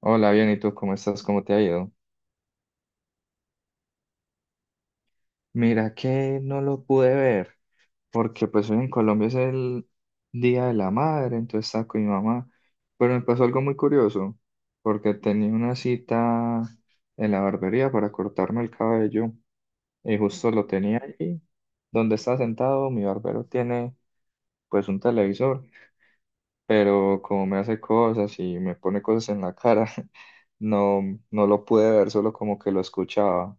Hola, bien, ¿y tú cómo estás? ¿Cómo te ha ido? Mira que no lo pude ver, porque pues hoy en Colombia es el Día de la Madre, entonces estaba con mi mamá, pero me pasó algo muy curioso, porque tenía una cita en la barbería para cortarme el cabello y justo lo tenía allí, donde estaba sentado, mi barbero tiene pues un televisor, pero como me hace cosas y me pone cosas en la cara, no, no lo pude ver, solo como que lo escuchaba.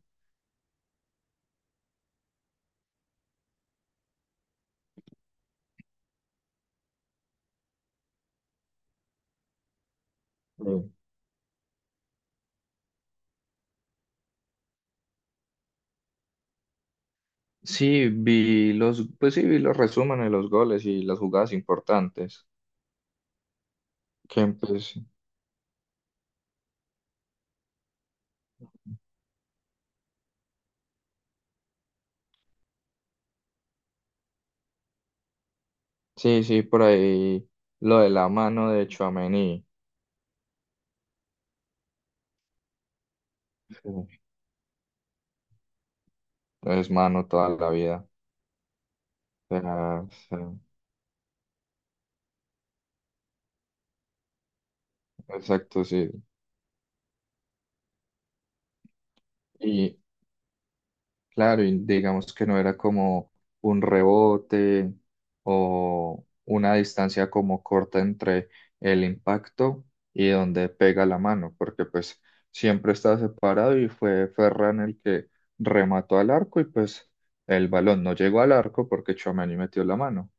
Sí, pues sí, vi los resúmenes de los goles y las jugadas importantes. Que pues, sí, sí, por ahí lo de la mano de Tchouaméni. Sí. Es mano toda la vida. O sea, sí, exacto, sí. Y, Claro, y digamos que no era como un rebote o una distancia como corta entre el impacto y donde pega la mano, porque pues siempre estaba separado y fue Ferran el que remató al arco y pues el balón no llegó al arco porque Tchouaméni metió la mano.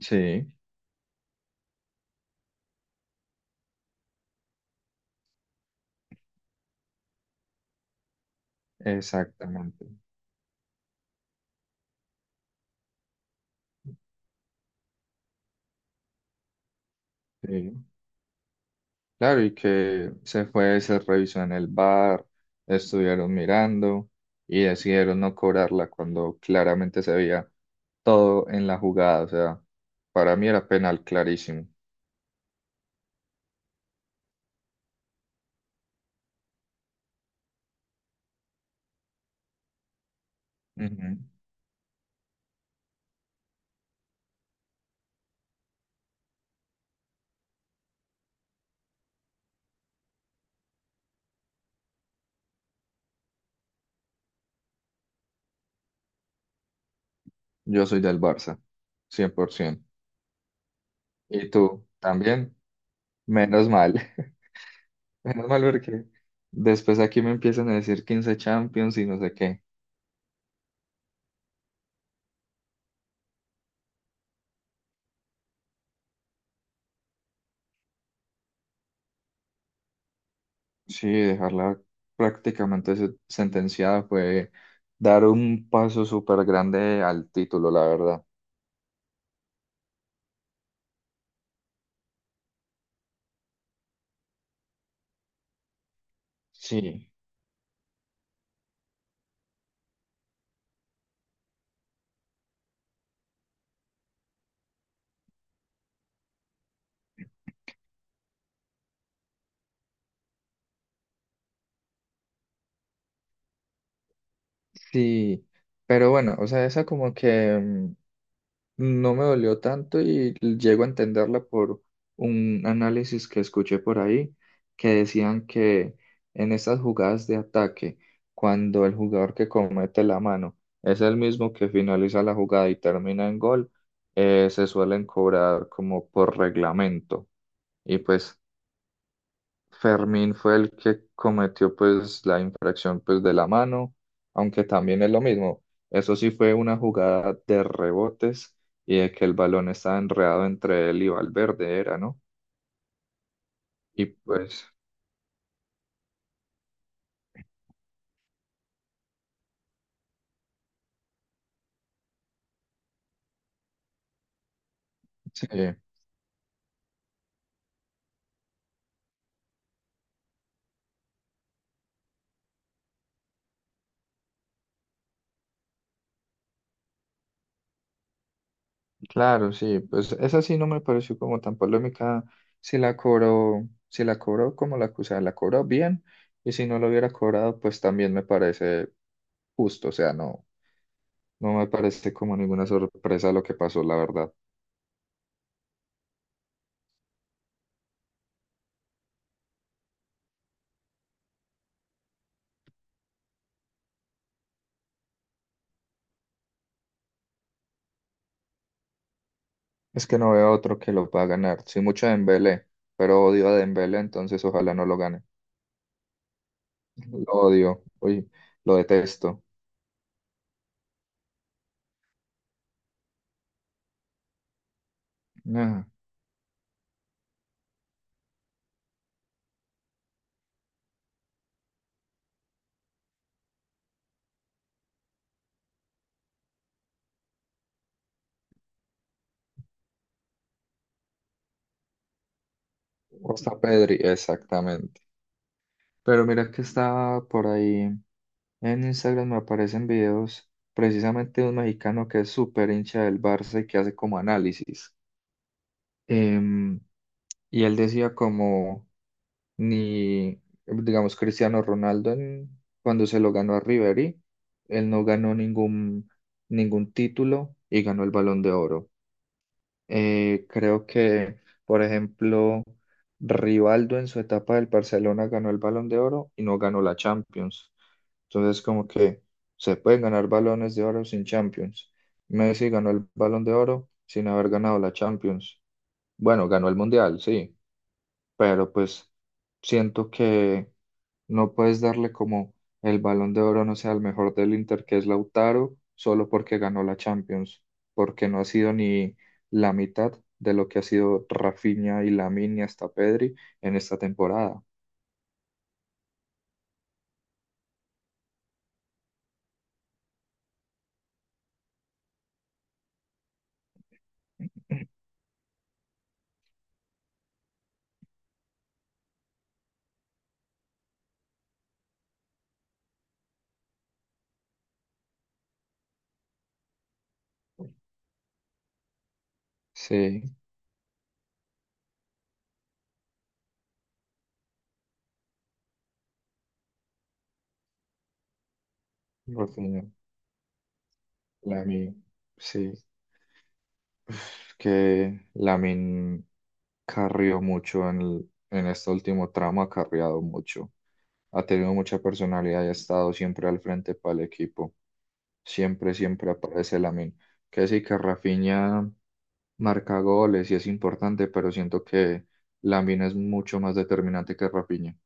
Sí, exactamente. Sí. Claro, y que se fue, se revisó en el bar, estuvieron mirando y decidieron no cobrarla cuando claramente se veía todo en la jugada. O sea, para mí era penal clarísimo. Ujú. Yo soy del Barça, 100%. ¿Y tú también? Menos mal. Menos mal porque después aquí me empiezan a decir 15 Champions y no sé qué. Sí, dejarla prácticamente sentenciada fue dar un paso súper grande al título, la verdad. Sí, sí, pero bueno, o sea, esa como que, no me dolió tanto y llego a entenderla por un análisis que escuché por ahí, que decían que en esas jugadas de ataque, cuando el jugador que comete la mano es el mismo que finaliza la jugada y termina en gol, se suelen cobrar como por reglamento. Y pues Fermín fue el que cometió pues la infracción pues de la mano, aunque también es lo mismo. Eso sí fue una jugada de rebotes y de que el balón estaba enredado entre él y Valverde, era, ¿no? Y pues, sí, claro, sí, pues esa sí no me pareció como tan polémica. Si la cobró como la acusada, la cobró bien, y si no lo hubiera cobrado, pues también me parece justo, o sea, no, no me parece como ninguna sorpresa lo que pasó, la verdad. Es que no veo otro que lo pueda ganar. Sí, mucho de Dembélé, pero odio a Dembélé, entonces ojalá no lo gane. Lo odio, uy, lo detesto. Ah, o está Pedri, exactamente. Pero mira que estaba por ahí en Instagram, me aparecen videos precisamente de un mexicano que es súper hincha del Barça y que hace como análisis. Em, y él decía como... ni, digamos, Cristiano Ronaldo cuando se lo ganó a Ribery, él no ganó ningún título y ganó el Balón de Oro. Creo que, por ejemplo, Rivaldo en su etapa del Barcelona ganó el Balón de Oro y no ganó la Champions. Entonces, como que se pueden ganar balones de oro sin Champions. Messi ganó el Balón de Oro sin haber ganado la Champions. Bueno, ganó el Mundial, sí, pero pues siento que no puedes darle como el Balón de Oro, no sea el mejor del Inter, que es Lautaro, solo porque ganó la Champions, porque no ha sido ni la mitad de lo que ha sido Rafinha y Lamine y hasta Pedri en esta temporada. Sí, Rafinha, Lamine, sí, Uf, que Lamine carrió mucho en este último tramo, ha carriado mucho. Ha tenido mucha personalidad y ha estado siempre al frente para el equipo. Siempre, siempre aparece Lamine. Que sí que Rafinha marca goles y es importante, pero siento que Lamine es mucho más determinante que Rafinha.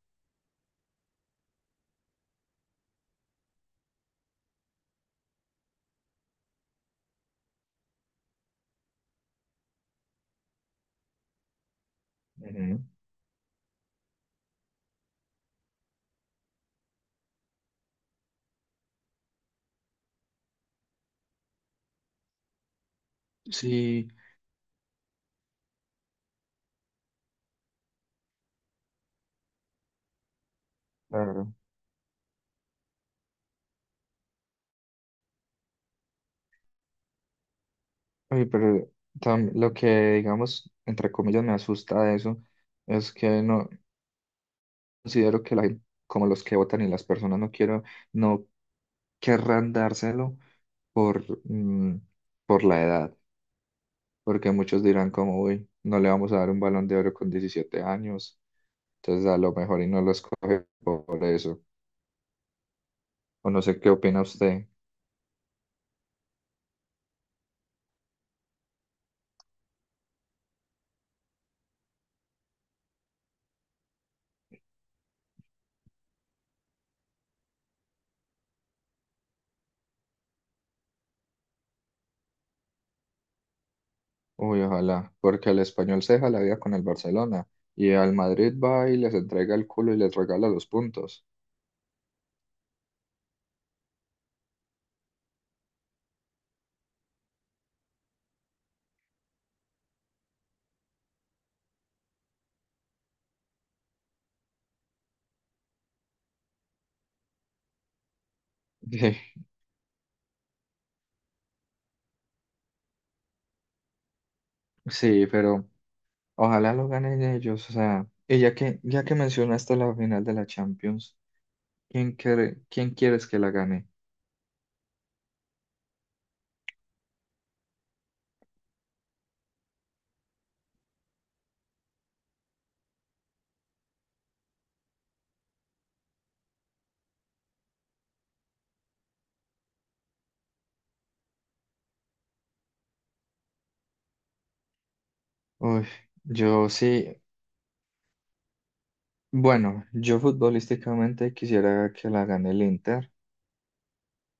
Ujú. Sí, claro. Oye, pero lo que, digamos, entre comillas, me asusta de eso es que no considero que como los que votan y las personas no querrán dárselo por, mm, por la edad. Porque muchos dirán como, uy, no le vamos a dar un balón de oro con 17 años, entonces a lo mejor y no lo escoge por eso. O no sé qué opina usted. Uy, ojalá, porque al español se deja la vida con el Barcelona y al Madrid va y les entrega el culo y les regala los puntos. Sí, sí, pero ojalá lo ganen ellos, o sea, y ya que mencionaste la final de la Champions, ¿Quién quieres que la gane? Uy, yo sí. Bueno, yo futbolísticamente quisiera que la gane el Inter.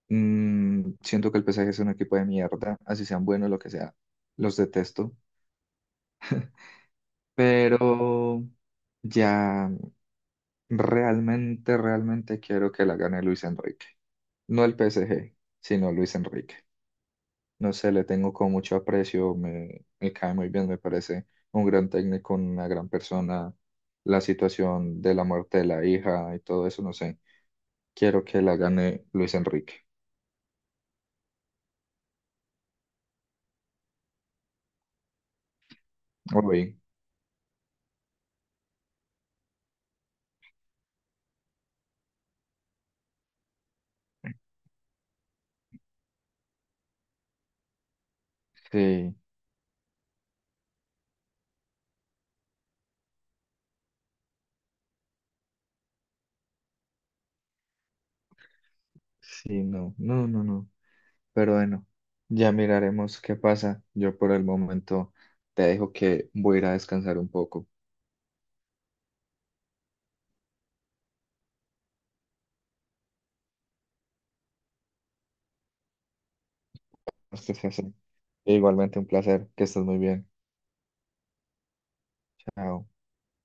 Mm, siento que el PSG es un equipo de mierda, así sean buenos, lo que sea. Los detesto. Pero ya realmente, realmente quiero que la gane Luis Enrique. No el PSG, sino Luis Enrique. No sé, le tengo con mucho aprecio, me cae muy bien, me parece un gran técnico, una gran persona. La situación de la muerte de la hija y todo eso, no sé. Quiero que la gane Luis Enrique. Uy, sí, sí, no, no, no, no. Pero bueno, ya miraremos qué pasa. Yo por el momento te dejo que voy a ir a descansar un poco. Esto fue así. Igualmente un placer, que estés muy bien. Chao.